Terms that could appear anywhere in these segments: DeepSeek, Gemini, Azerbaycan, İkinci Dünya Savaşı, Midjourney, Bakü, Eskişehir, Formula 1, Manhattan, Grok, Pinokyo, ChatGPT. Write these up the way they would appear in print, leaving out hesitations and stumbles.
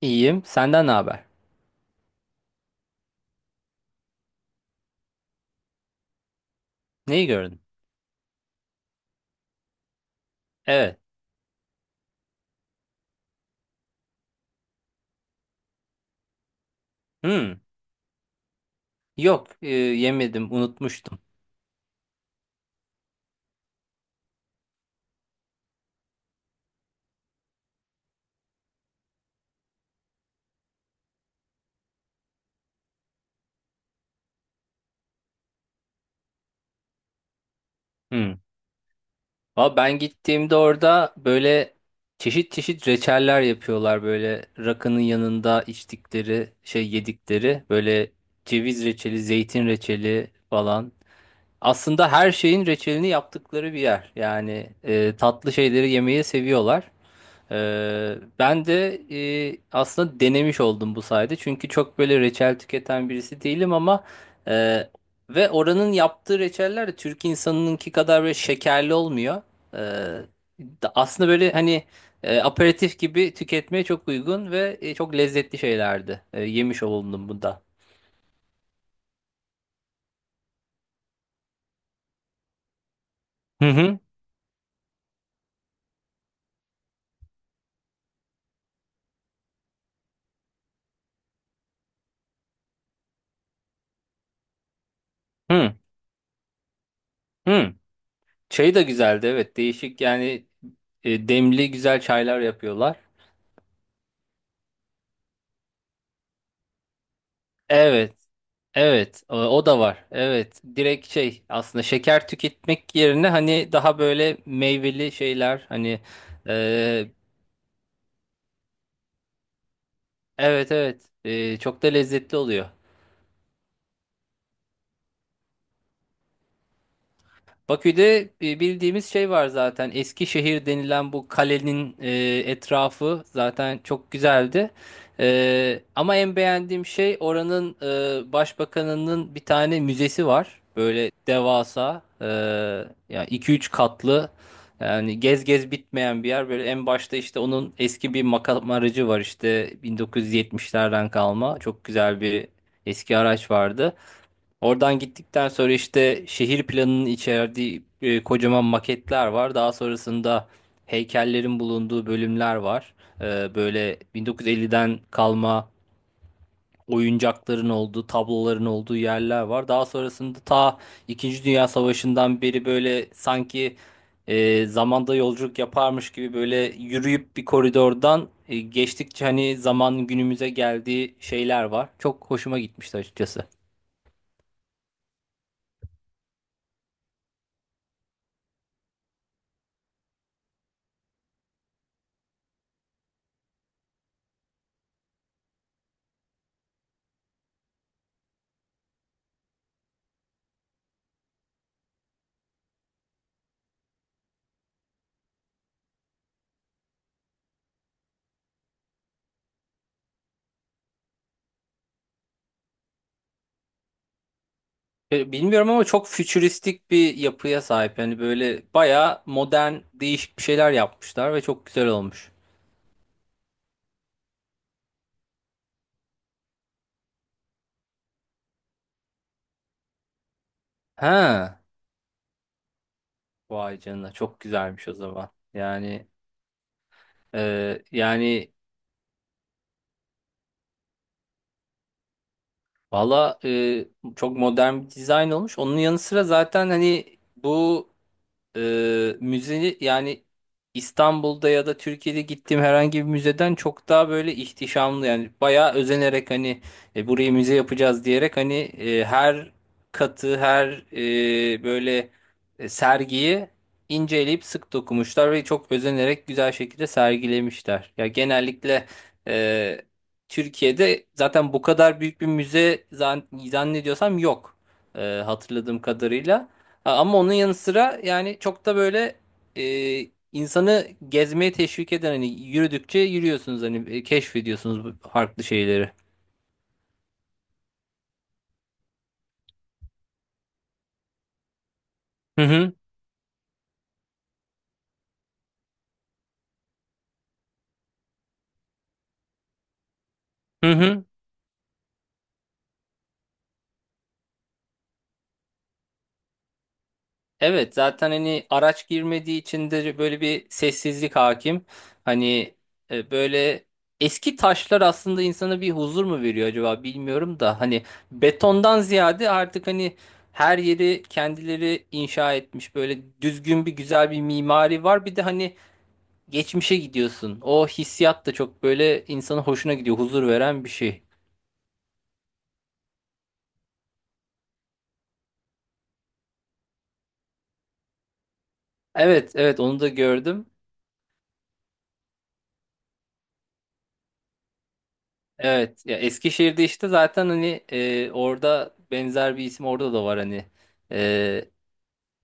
İyiyim. Senden ne haber? Neyi gördün? Evet. Hmm. Yok, yemedim, unutmuştum. Hmm. Valla ben gittiğimde orada böyle çeşit çeşit reçeller yapıyorlar, böyle rakının yanında içtikleri, şey yedikleri böyle ceviz reçeli, zeytin reçeli falan. Aslında her şeyin reçelini yaptıkları bir yer. Yani tatlı şeyleri yemeyi seviyorlar. Ben de aslında denemiş oldum bu sayede. Çünkü çok böyle reçel tüketen birisi değilim ama e, ve oranın yaptığı reçeller de Türk insanınınki kadar böyle şekerli olmuyor. Ee, Aslında böyle hani aperatif gibi tüketmeye çok uygun ve çok lezzetli şeylerdi. Yemiş oldum bu da. Hı hı. Hı hı. Çayı da güzeldi, evet, değişik, yani demli güzel çaylar yapıyorlar. Evet. Evet, o o da var. Evet, direkt şey aslında şeker tüketmek yerine, hani daha böyle meyveli şeyler, hani e, evet evet, çok da lezzetli oluyor. Bakü'de bildiğimiz şey var zaten. Eskişehir denilen bu kalenin etrafı zaten çok güzeldi. Ama en beğendiğim şey, oranın başbakanının bir tane müzesi var. Böyle devasa, yani 2-3 katlı. Yani gez gez bitmeyen bir yer. Böyle en başta işte onun eski bir makam aracı var, işte 1970'lerden kalma. Çok güzel bir eski araç vardı. Oradan gittikten sonra işte şehir planının içerdiği kocaman maketler var. Daha sonrasında heykellerin bulunduğu bölümler var. Böyle 1950'den kalma oyuncakların olduğu, tabloların olduğu yerler var. Daha sonrasında ta İkinci Dünya Savaşı'ndan beri böyle, sanki zamanda yolculuk yaparmış gibi böyle yürüyüp bir koridordan geçtikçe hani zaman günümüze geldiği şeyler var. Çok hoşuma gitmişti açıkçası. Bilmiyorum ama çok fütüristik bir yapıya sahip. Yani böyle bayağı modern, değişik bir şeyler yapmışlar ve çok güzel olmuş. Ha, vay canına, çok güzelmiş o zaman. Yani e, yani valla, çok modern bir dizayn olmuş. Onun yanı sıra zaten hani bu müze, yani İstanbul'da ya da Türkiye'de gittiğim herhangi bir müzeden çok daha böyle ihtişamlı, yani bayağı özenerek, hani burayı müze yapacağız diyerek, hani her katı, her böyle, sergiyi inceleyip sık dokumuşlar ve çok özenerek güzel şekilde sergilemişler. Ya genellikle e, Türkiye'de zaten bu kadar büyük bir müze zannediyorsam yok, e, hatırladığım kadarıyla. Ama onun yanı sıra, yani çok da böyle insanı gezmeye teşvik eden, hani yürüdükçe yürüyorsunuz, hani keşfediyorsunuz bu farklı şeyleri. Hı hı. Hı hı. Evet, zaten hani araç girmediği için de böyle bir sessizlik hakim. Hani böyle eski taşlar aslında insana bir huzur mu veriyor acaba bilmiyorum da, hani betondan ziyade artık, hani her yeri kendileri inşa etmiş, böyle düzgün bir, güzel bir mimari var. Bir de hani geçmişe gidiyorsun. O hissiyat da çok böyle insanın hoşuna gidiyor, huzur veren bir şey. Evet, evet, onu da gördüm. Evet, ya Eskişehir'de işte zaten hani orada benzer bir isim, orada da var hani. E,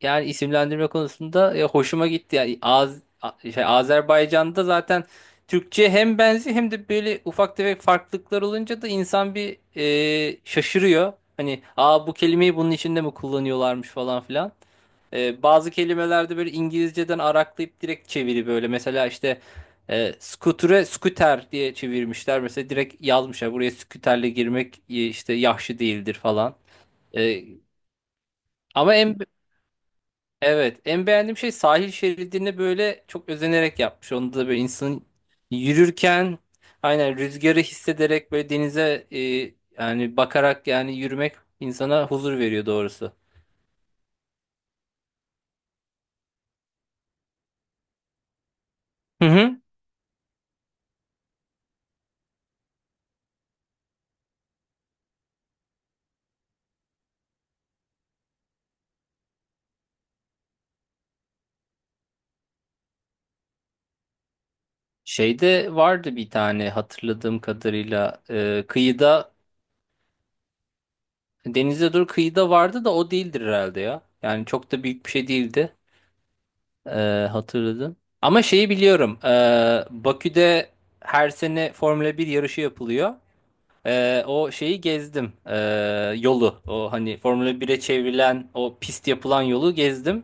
Yani isimlendirme konusunda ya hoşuma gitti. Yani şey, Azerbaycan'da zaten Türkçe hem benzi hem de böyle ufak tefek farklılıklar olunca da insan bir şaşırıyor. Hani, aa, bu kelimeyi bunun içinde mi kullanıyorlarmış falan filan. Bazı kelimelerde böyle İngilizceden araklayıp direkt çeviri böyle. Mesela işte scooter'e scooter diye çevirmişler. Mesela direkt yazmışlar, buraya scooter'le girmek işte yahşi değildir falan. E, Ama en, evet, en beğendiğim şey, sahil şeridini böyle çok özenerek yapmış. Onda da böyle insanın yürürken aynen rüzgarı hissederek, böyle denize yani bakarak, yani yürümek insana huzur veriyor doğrusu. Hı hı. Şeyde vardı bir tane, hatırladığım kadarıyla kıyıda, denize dur, kıyıda vardı da o değildir herhalde ya. Yani çok da büyük bir şey değildi, e, hatırladım. Ama şeyi biliyorum, Bakü'de her sene Formula 1 yarışı yapılıyor. O şeyi gezdim. Yolu. O hani Formula bire çevrilen o pist yapılan yolu gezdim.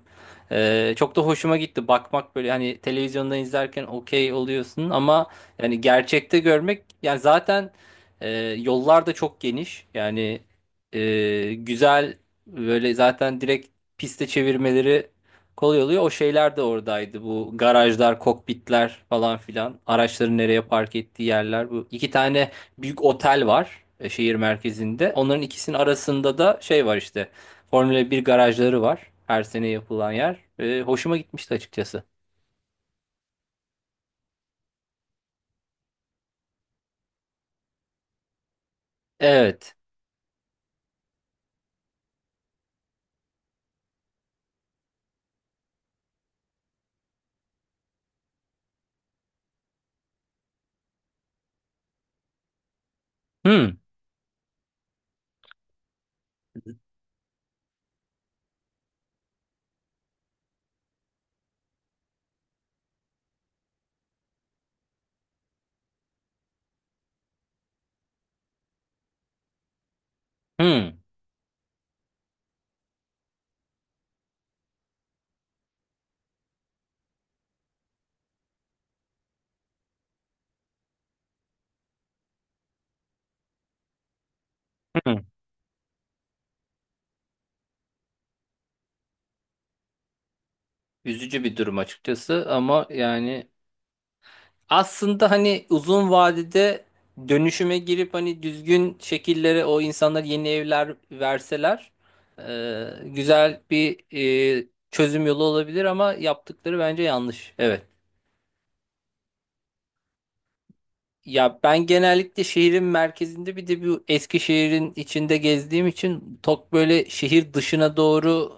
Çok da hoşuma gitti. Bakmak böyle, hani televizyonda izlerken okey oluyorsun ama yani gerçekte görmek, yani zaten e, yollar da çok geniş. Yani güzel, böyle zaten direkt piste çevirmeleri kolay oluyor. O şeyler de oradaydı. Bu garajlar, kokpitler falan filan. Araçların nereye park ettiği yerler. Bu iki tane büyük otel var şehir merkezinde. Onların ikisinin arasında da şey var işte. Formula 1 garajları var. Her sene yapılan yer. Hoşuma gitmişti açıkçası. Evet. Hmm. Hmm. Hmm. Üzücü bir durum açıkçası, ama yani aslında hani uzun vadede dönüşüme girip, hani düzgün şekillere, o insanlara yeni evler verseler güzel bir, çözüm yolu olabilir, ama yaptıkları bence yanlış. Evet. Ya ben genellikle şehrin merkezinde, bir de bu Eskişehir'in içinde gezdiğim için çok böyle şehir dışına doğru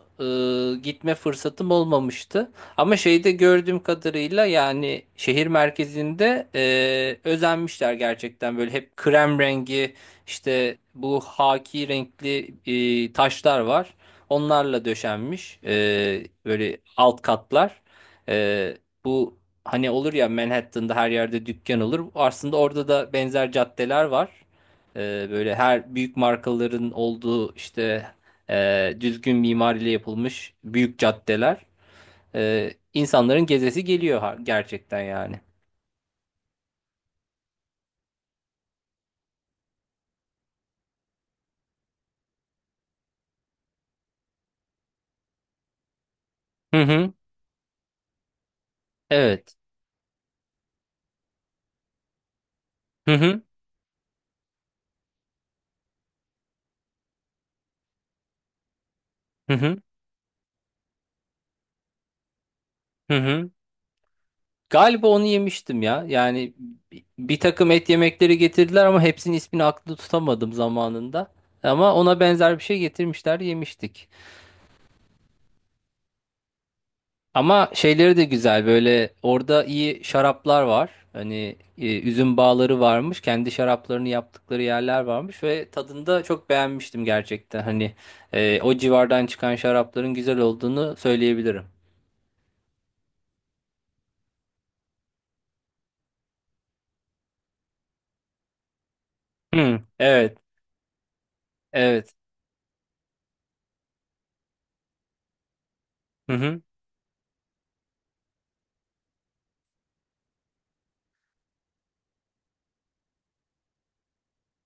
gitme fırsatım olmamıştı. Ama şeyde gördüğüm kadarıyla, yani şehir merkezinde özenmişler gerçekten, böyle hep krem rengi, işte bu haki renkli taşlar var. Onlarla döşenmiş böyle alt katlar. E, bu Hani olur ya, Manhattan'da her yerde dükkan olur. Aslında orada da benzer caddeler var. Böyle her büyük markaların olduğu, işte düzgün mimariyle yapılmış büyük caddeler. İnsanların gezesi geliyor gerçekten yani. Hı hı. Evet. Hı hı. Hı hı. Hı hı. Galiba onu yemiştim ya. Yani bir takım et yemekleri getirdiler ama hepsinin ismini aklımda tutamadım zamanında. Ama ona benzer bir şey getirmişler, yemiştik. Ama şeyleri de güzel, böyle orada iyi şaraplar var. Hani üzüm bağları varmış. Kendi şaraplarını yaptıkları yerler varmış ve tadında çok beğenmiştim gerçekten. Hani o civardan çıkan şarapların güzel olduğunu söyleyebilirim. Hı, evet, evet. Hı hı.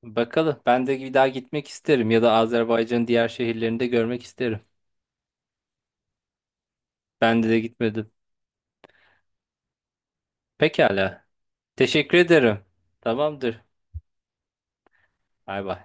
Bakalım. Ben de bir daha gitmek isterim ya da Azerbaycan'ın diğer şehirlerinde görmek isterim. Ben de gitmedim. Pekala. Teşekkür ederim. Tamamdır. Bay bay.